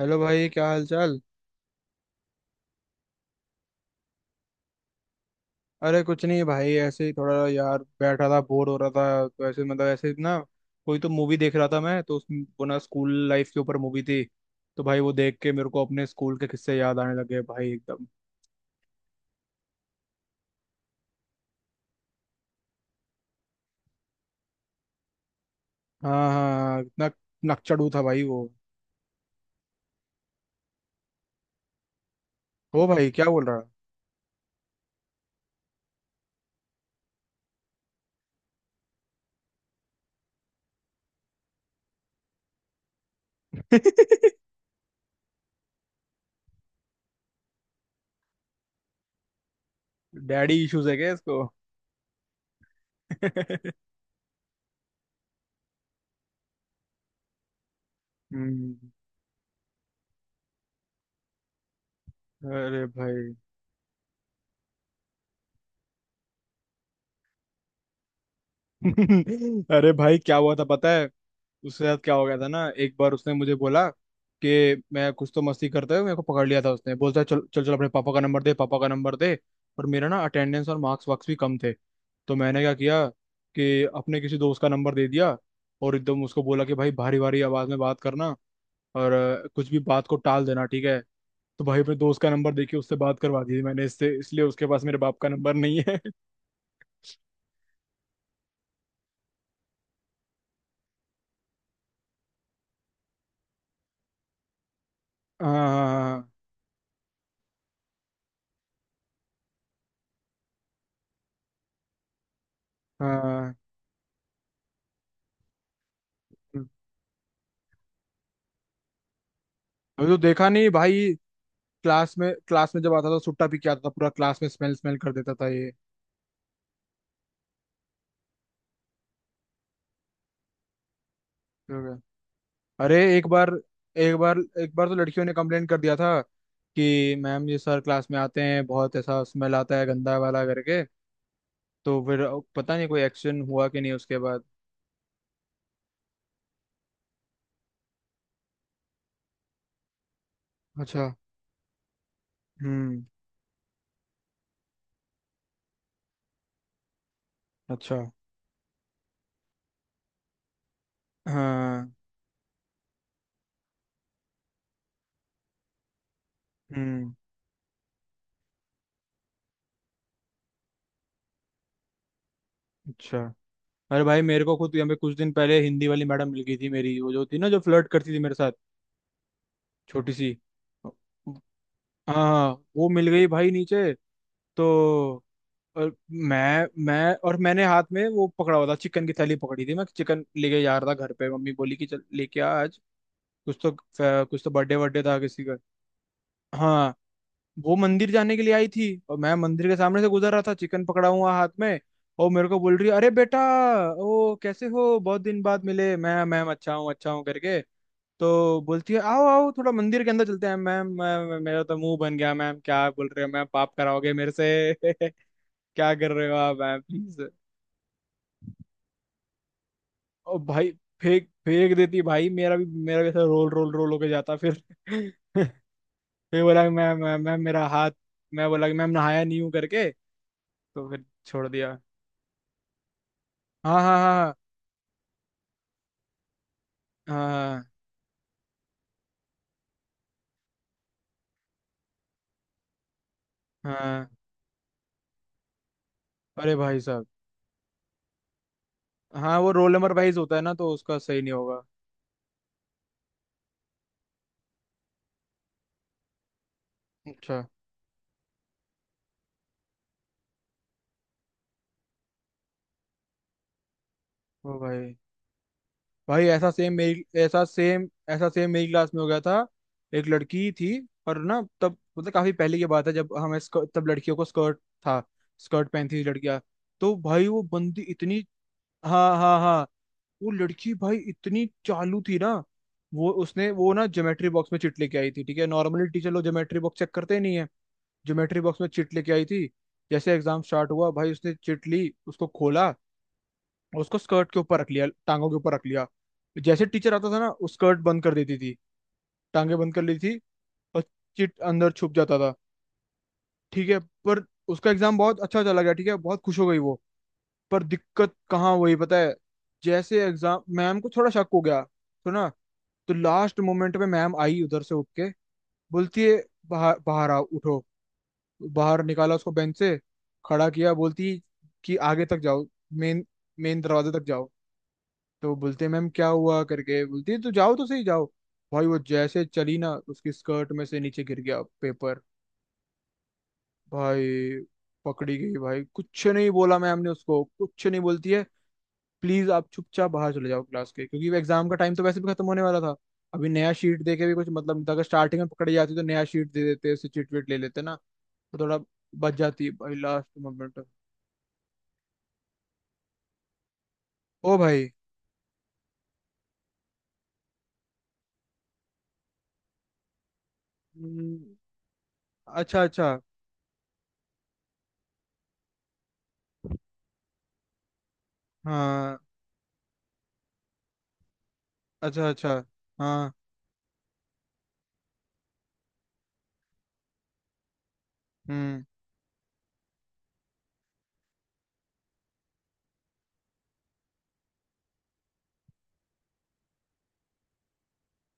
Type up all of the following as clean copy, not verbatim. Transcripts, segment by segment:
Hello भाई क्या हाल चाल। अरे कुछ नहीं भाई, ऐसे ही थोड़ा यार बैठा था, बोर हो रहा था तो ऐसे मतलब ऐसे ना, कोई तो मूवी देख रहा था मैं, तो उस वो ना स्कूल लाइफ के ऊपर मूवी थी। तो भाई वो देख के मेरे को अपने स्कूल के किस्से याद आने लगे भाई एकदम। हाँ हाँ, इतना नकचड़ू था भाई वो। हो भाई क्या बोल रहा। डैडी इश्यूज है क्या इसको। हम्म। अरे भाई। अरे भाई क्या हुआ था पता है, उसके साथ क्या हो गया था ना। एक बार उसने मुझे बोला कि मैं कुछ तो मस्ती करते हुए मेरे को पकड़ लिया था उसने। बोलता है चल चल चल अपने पापा का नंबर दे, पापा का नंबर दे। और मेरा ना अटेंडेंस और मार्क्स वार्क्स भी कम थे। तो मैंने क्या किया कि अपने किसी दोस्त का नंबर दे दिया। और एकदम उसको बोला कि भाई भारी भारी आवाज में बात करना और कुछ भी बात को टाल देना, ठीक है। तो भाई अपने दोस्त का नंबर देके उससे बात करवा दी थी मैंने इससे, इसलिए उसके पास मेरे बाप का नंबर नहीं है। हाँ हाँ हाँ हाँ। अभी तो देखा नहीं भाई। क्लास में जब आता था सुट्टा पी के आता था, पूरा क्लास में स्मेल स्मेल कर देता था ये। तो- अरे एक बार, एक बार तो लड़कियों ने कंप्लेंट कर दिया था कि मैम ये सर क्लास में आते हैं बहुत ऐसा स्मेल आता है गंदा वाला करके। तो फिर पता नहीं कोई एक्शन हुआ कि नहीं उसके बाद। अच्छा। हम्म। अच्छा। हाँ। हम्म। अच्छा। अरे भाई मेरे को खुद यहाँ पे कुछ दिन पहले हिंदी वाली मैडम मिल गई थी मेरी, वो जो थी ना जो फ्लर्ट करती थी मेरे साथ। छोटी सी। हाँ। वो मिल गई भाई नीचे। तो और मैं और मैंने हाथ में वो पकड़ा हुआ था, चिकन की थैली पकड़ी थी, मैं चिकन लेके जा रहा था घर पे, मम्मी बोली कि चल लेके आ आज। कुछ तो कुछ तो बर्थडे बर्थडे था किसी का। हाँ। वो मंदिर जाने के लिए आई थी और मैं मंदिर के सामने से गुजर रहा था चिकन पकड़ा हुआ हाथ में। और मेरे को बोल रही है, अरे बेटा ओ कैसे हो, बहुत दिन बाद मिले। मैं, मैम अच्छा हूँ करके। तो बोलती है आओ आओ थोड़ा मंदिर के अंदर चलते हैं। मैम मैम, मेरा तो मुंह बन गया, मैम क्या बोल रहे हो मैम, पाप कराओगे मेरे से। क्या कर रहे हो आप मैम प्लीज। और भाई फेंक फेंक देती भाई, मेरा भी ऐसा रोल रोल रोल होके जाता फिर। फिर बोला कि मैम मैम मैम, मेरा हाथ, मैं बोला कि मैम नहाया नहीं हूँ करके। तो फिर छोड़ दिया। हाँ हाँ हाँ हाँ हाँ हाँ हाँ। अरे भाई साहब, हाँ वो रोल नंबर वाइज होता है ना, तो उसका सही नहीं होगा। अच्छा। ओ भाई, भाई ऐसा सेम मेरी, ऐसा सेम मेरी क्लास में हो गया था। एक लड़की थी, और ना तब मतलब काफी पहले की बात है, जब हमें तब लड़कियों को स्कर्ट था, स्कर्ट पहनती थी लड़कियां। तो भाई वो बंदी इतनी। हाँ हाँ हाँ। वो लड़की भाई इतनी चालू थी ना, वो उसने वो ना ज्योमेट्री बॉक्स में चिट लेके आई थी, ठीक है। नॉर्मली टीचर लोग ज्योमेट्री बॉक्स चेक करते ही नहीं है। ज्योमेट्री बॉक्स में चिट लेके आई थी। जैसे एग्जाम स्टार्ट हुआ भाई, उसने चिट ली, उसको खोला, उसको स्कर्ट के ऊपर रख लिया, टांगों के ऊपर रख लिया। जैसे टीचर आता था ना, वो स्कर्ट बंद कर देती थी, टांगे बंद कर लेती थी, और चिट अंदर छुप जाता था, ठीक है। पर उसका एग्जाम बहुत अच्छा चला गया, ठीक है, बहुत खुश हो गई वो। पर दिक्कत कहाँ हुई पता है, जैसे एग्जाम, मैम को थोड़ा शक हो गया, तो ना, तो लास्ट मोमेंट में मैम आई उधर से उठ के, बोलती है बाहर बाहर आओ उठो। बाहर निकाला उसको बेंच से, खड़ा किया, बोलती कि आगे तक जाओ, मेन मेन दरवाजे तक जाओ। तो बोलते मैम क्या हुआ करके, बोलती है तो जाओ तो सही जाओ। भाई वो जैसे चली ना, उसकी स्कर्ट में से नीचे गिर गया पेपर। भाई पकड़ी गई भाई, कुछ नहीं बोला मैम ने उसको, कुछ नहीं बोलती है, प्लीज आप चुपचाप बाहर चले जाओ क्लास के, क्योंकि एग्जाम का टाइम तो वैसे भी खत्म होने वाला था, अभी नया शीट दे के भी कुछ मतलब नहीं था। अगर स्टार्टिंग में पकड़ी जाती तो नया शीट दे देते, उससे चिट विट ले लेते ना। तो थोड़ा बच जाती भाई लास्ट मोमेंट। ओ भाई। हम्म, अच्छा अच्छा। हाँ। अच्छा अच्छा। हाँ। हम्म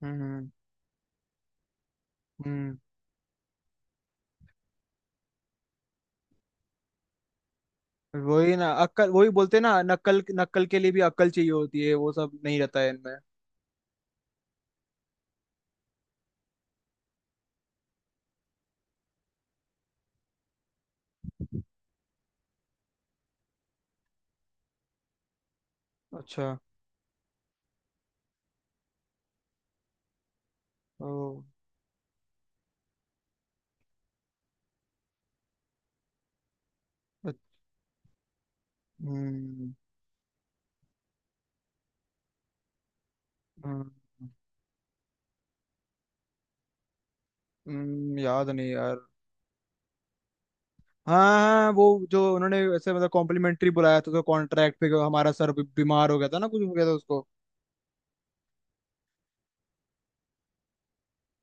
हम्म हम्म। हम्म। वही ना अक्कल, वही बोलते हैं ना, नकल, नकल के लिए भी अक्ल चाहिए होती है, वो सब नहीं रहता है इनमें। अच्छा। ओ। अ- हम्म। हम्म, याद नहीं यार। हाँ हाँ, वो जो उन्होंने ऐसे मतलब कॉम्प्लीमेंट्री बुलाया था तो कॉन्ट्रैक्ट पे, हमारा सर बीमार हो गया था ना, कुछ हो गया था उसको।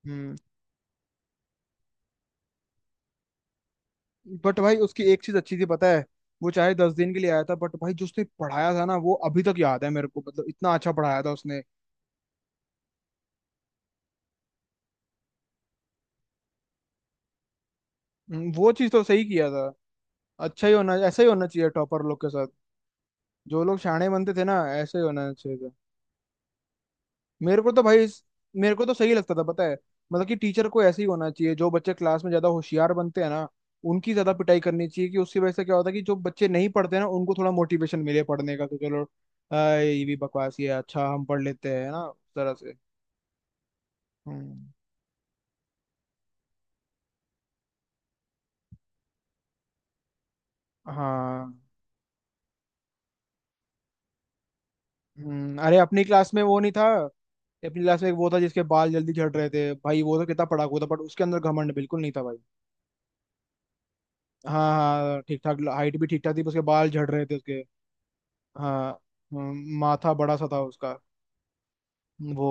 हम्म। बट भाई उसकी एक चीज अच्छी थी पता है, वो चाहे दस दिन के लिए आया था बट भाई जो उसने पढ़ाया था ना, वो अभी तक याद है मेरे को, मतलब इतना अच्छा पढ़ाया था उसने। वो चीज तो सही किया था। अच्छा ही होना, ऐसा ही होना चाहिए टॉपर लोग के साथ। जो लोग शाणे बनते थे ना, ऐसे ही होना चाहिए था। मेरे को तो भाई मेरे को तो सही लगता था पता है, मतलब कि टीचर को ऐसे ही होना चाहिए, जो बच्चे क्लास में ज्यादा होशियार बनते हैं ना, उनकी ज्यादा पिटाई करनी चाहिए, कि उसकी वजह से क्या होता है कि जो बच्चे नहीं पढ़ते हैं ना, उनको थोड़ा मोटिवेशन मिले पढ़ने का कि चलो। ये भी बकवास ही है, अच्छा हम पढ़ लेते हैं ना उस तरह से। हम्म। हाँ। हम्म। अरे अपनी क्लास में वो नहीं था। अपनी क्लास में एक वो था जिसके बाल जल्दी झड़ रहे थे भाई, वो तो कितना पढ़ाकू था बट उसके अंदर घमंड बिल्कुल नहीं था भाई। हाँ हाँ, ठीक ठाक हाइट भी ठीक ठाक थी, उसके बाल झड़ रहे थे उसके। हाँ। माथा बड़ा सा था उसका। वो।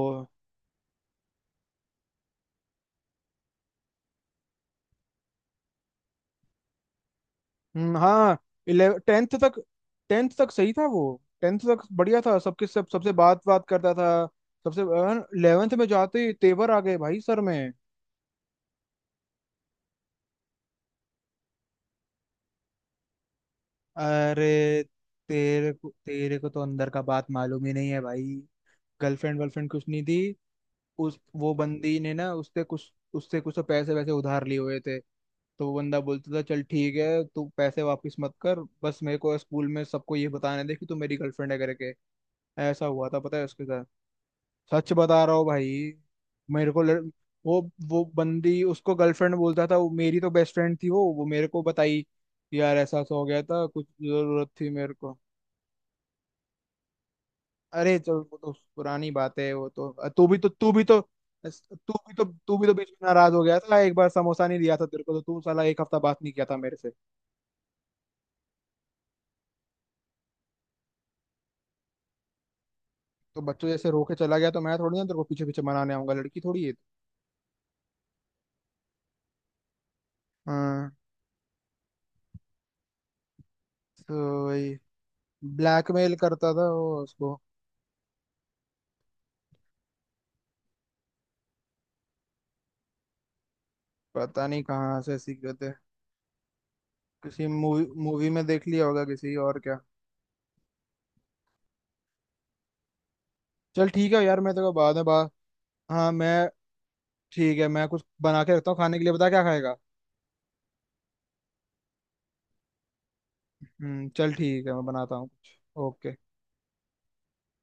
हाँ। इलेव टेंथ तक, टेंथ तक सही था वो, टेंथ तक बढ़िया था, सबके सब, सबसे बात बात करता था सबसे। इलेवेंथ में जाते ही तेवर आ गए भाई सर में। अरे तेरे को तो अंदर का बात मालूम ही नहीं है भाई, गर्लफ्रेंड वर्लफ्रेंड कुछ नहीं थी। उस वो बंदी ने ना, उससे कुछ तो पैसे वैसे उधार लिए हुए थे। तो वो बंदा बोलता था चल ठीक है तू पैसे वापस मत कर, बस मेरे को स्कूल में सबको ये बताने दे कि तू मेरी गर्लफ्रेंड है करके। ऐसा हुआ था पता है उसके साथ। सच बता रहा हूँ भाई। मेरे को लड़... वो वो बंदी उसको गर्लफ्रेंड बोलता था, वो मेरी तो बेस्ट फ्रेंड थी वो मेरे को बताई कि यार ऐसा ऐसा हो गया था, कुछ जरूरत थी मेरे को। अरे चलो वो तो पुरानी बात है, वो तो तू भी तो, तू भी तो तू भी तो तू भी तो बीच में नाराज हो गया था एक बार, समोसा नहीं दिया था तेरे को तो तू साला एक हफ्ता बात नहीं किया था मेरे से। तो बच्चों जैसे रो के चला गया, तो मैं थोड़ी ना तेरे को पीछे पीछे मनाने आऊंगा, लड़की थोड़ी है। हाँ। तो वही ब्लैकमेल करता था वो उसको। पता नहीं कहाँ से सीख गए थे, किसी मूवी मूवी में देख लिया होगा किसी, और क्या। चल ठीक है यार, मैं तेरे को बाद में बात। हाँ मैं। ठीक है मैं कुछ बना के रखता हूँ खाने के लिए, बता क्या खाएगा। चल ठीक है, मैं बनाता हूँ कुछ। ओके।